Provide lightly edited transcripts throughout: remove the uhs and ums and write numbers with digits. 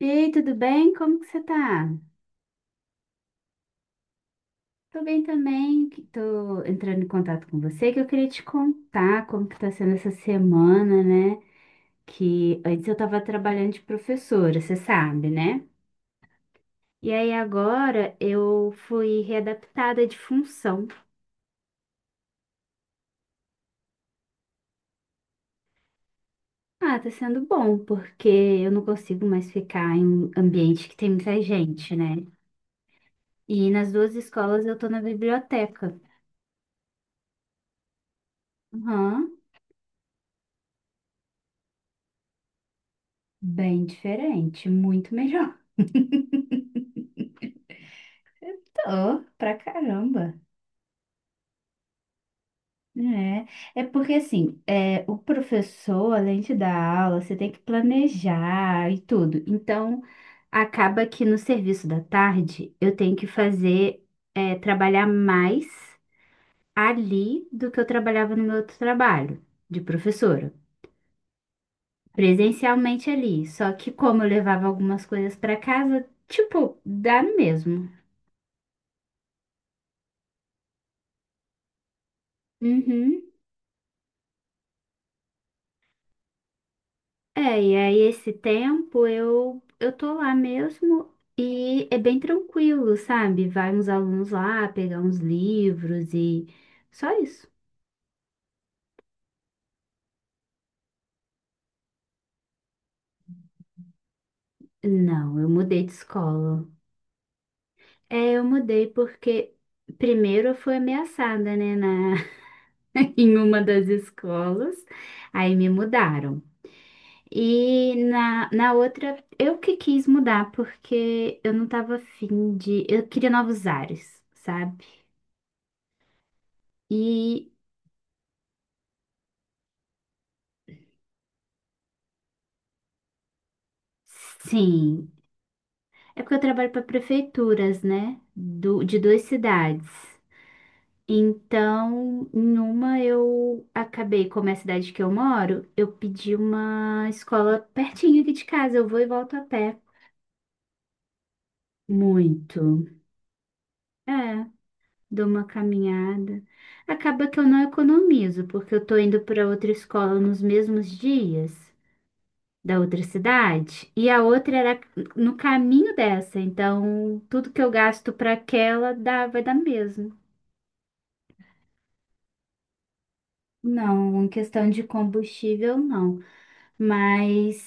E aí, tudo bem? Como que você tá? Tô bem também, que tô entrando em contato com você, que eu queria te contar como que tá sendo essa semana, né? Que antes eu tava trabalhando de professora, você sabe, né? E aí agora eu fui readaptada de função. Ah, tá sendo bom, porque eu não consigo mais ficar em um ambiente que tem muita gente, né? E nas duas escolas eu tô na biblioteca. Aham, bem diferente, muito melhor. Oh, pra caramba. É porque assim, é, o professor, além de dar aula, você tem que planejar e tudo. Então, acaba que no serviço da tarde eu tenho que fazer, é, trabalhar mais ali do que eu trabalhava no meu outro trabalho de professora, presencialmente ali. Só que como eu levava algumas coisas pra casa, tipo, dá no mesmo. Uhum. É, e aí esse tempo eu tô lá mesmo e é bem tranquilo, sabe? Vai uns alunos lá pegar uns livros e só isso. Não, eu mudei de escola. É, eu mudei porque primeiro eu fui ameaçada, né, na em uma das escolas. Aí me mudaram. E na outra eu que quis mudar porque eu não tava afim de, eu queria novos ares, sabe? E sim, é porque eu trabalho para prefeituras, né? Do, de duas cidades. Então, em uma eu acabei, como é a cidade que eu moro, eu pedi uma escola pertinho aqui de casa. Eu vou e volto a pé. Muito. É, dou uma caminhada. Acaba que eu não economizo, porque eu tô indo para outra escola nos mesmos dias. Da outra cidade e a outra era no caminho dessa. Então, tudo que eu gasto para aquela dá, vai dar mesmo. Não, em questão de combustível, não. Mas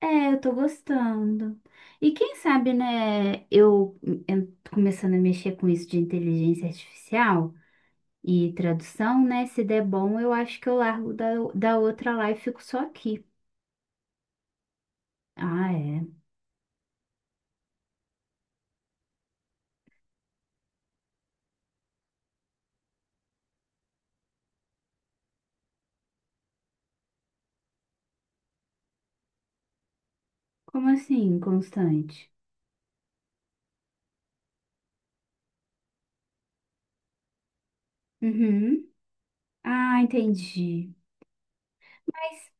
é, eu tô gostando. E quem sabe, né, eu tô começando a mexer com isso de inteligência artificial e tradução, né? Se der bom, eu acho que eu largo da, da outra lá e fico só aqui. Ah, é. Como assim, constante? Uhum. Ah, entendi. Mas,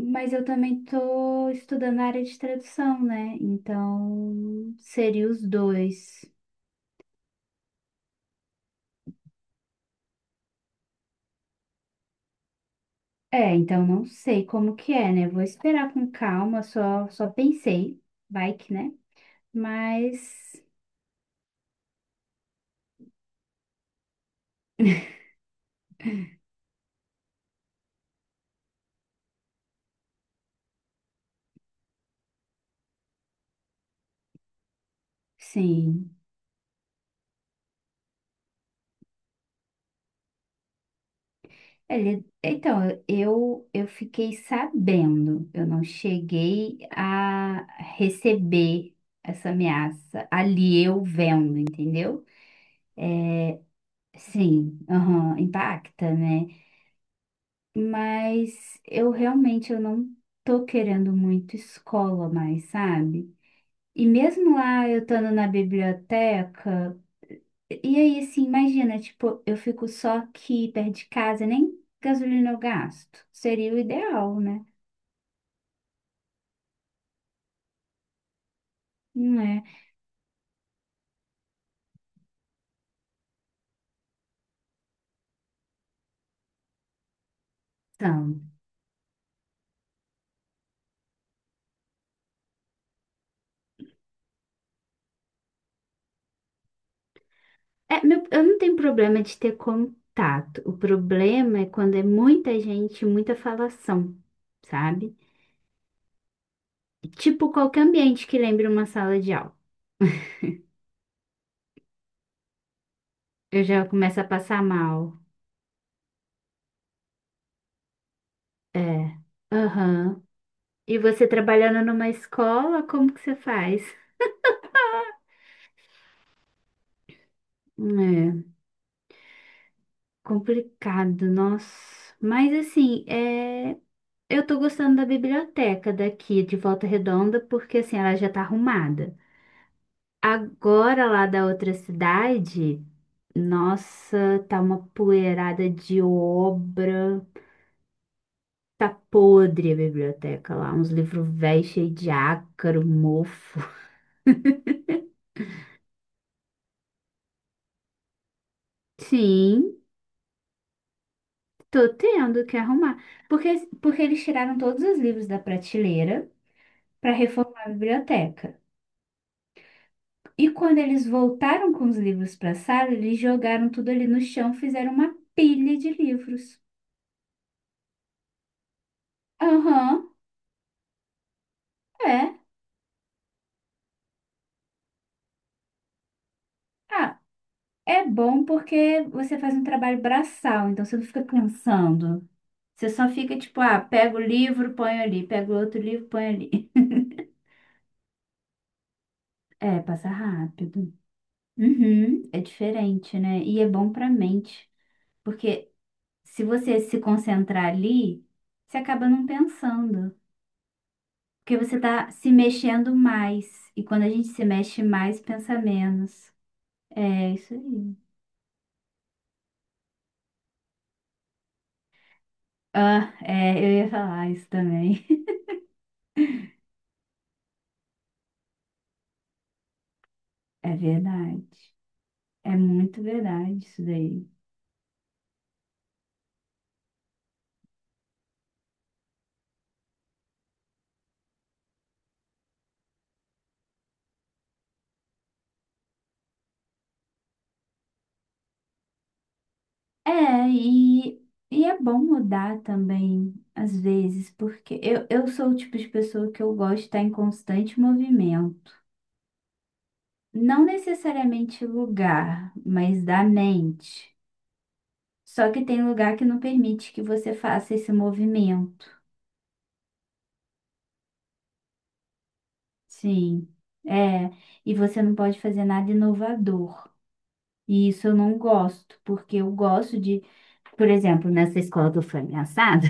mas eu também tô estudando a área de tradução, né? Então, seria os dois. É, então não sei como que é, né? Vou esperar com calma, só, só pensei, vai que, né? Mas, sim. Ele, então, eu fiquei sabendo, eu não cheguei a receber essa ameaça ali eu vendo, entendeu? Sim, aham, impacta, né? Mas eu realmente eu não tô querendo muito escola mais, sabe? E mesmo lá eu estando na biblioteca, e aí assim, imagina, tipo, eu fico só aqui perto de casa, nem gasolina eu gasto. Seria o ideal, né? Não é? Então, é, meu, eu não tenho problema de ter contato. O problema é quando é muita gente, muita falação, sabe? Tipo qualquer ambiente que lembre uma sala de aula. Eu já começo a passar mal. É. Aham. E você trabalhando numa escola, como que você faz? É, complicado, nossa. Mas assim, é... eu tô gostando da biblioteca daqui de Volta Redonda, porque assim, ela já tá arrumada. Agora lá da outra cidade, nossa, tá uma poeirada de obra. Tá podre a biblioteca lá, uns livros velhos cheios de ácaro, mofo. Sim. Tô tendo que arrumar. Porque, porque eles tiraram todos os livros da prateleira para reformar a biblioteca. E quando eles voltaram com os livros para a sala, eles jogaram tudo ali no chão, fizeram uma pilha de livros. Aham, é. Ah, é bom porque você faz um trabalho braçal, então você não fica pensando. Você só fica tipo, ah, pega o livro, põe ali, pega o outro livro, põe ali. É, passa rápido. Uhum, é diferente, né? E é bom pra mente. Porque se você se concentrar ali, você acaba não pensando, porque você está se mexendo mais. E quando a gente se mexe mais, pensa menos. É isso aí. Ah, é, eu ia falar isso também. É verdade. É muito verdade isso daí. É, e é bom mudar também, às vezes, porque eu sou o tipo de pessoa que eu gosto de estar em constante movimento. Não necessariamente lugar, mas da mente. Só que tem lugar que não permite que você faça esse movimento. Sim, é. E você não pode fazer nada inovador. E isso eu não gosto, porque eu gosto de, por exemplo, nessa escola que eu fui ameaçada,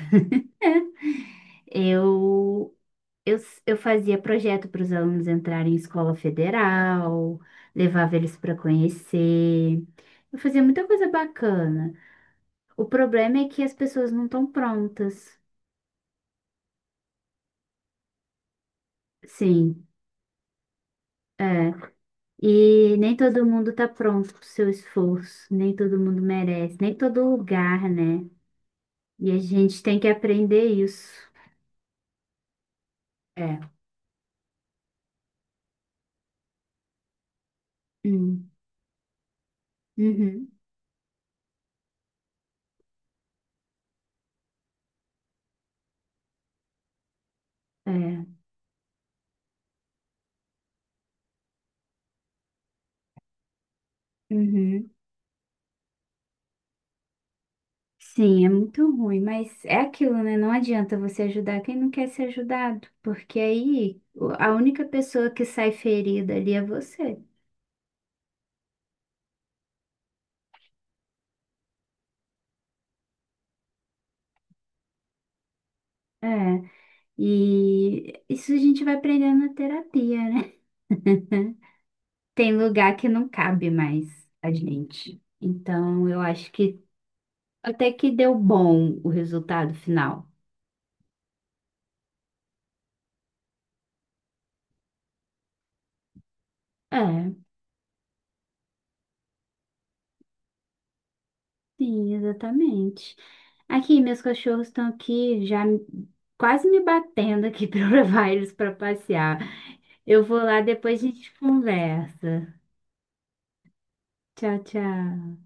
eu, eu, eu fazia projeto para os alunos entrarem em escola federal, levava eles para conhecer. Eu fazia muita coisa bacana. O problema é que as pessoas não estão prontas. Sim. É. E nem todo mundo tá pronto pro seu esforço, nem todo mundo merece, nem todo lugar, né? E a gente tem que aprender isso. É. Hum, uhum, é, uhum. Sim, é muito ruim, mas é aquilo, né? Não adianta você ajudar quem não quer ser ajudado, porque aí o- a única pessoa que sai ferida ali é você. É, e isso a gente vai aprendendo na terapia, né? Tem lugar que não cabe mais a gente. Então, eu acho que até que deu bom o resultado final. É, sim, exatamente. Aqui, meus cachorros estão aqui já me- quase me batendo aqui para eu levar eles para passear. Eu vou lá, depois a gente conversa. Tchau, tchau.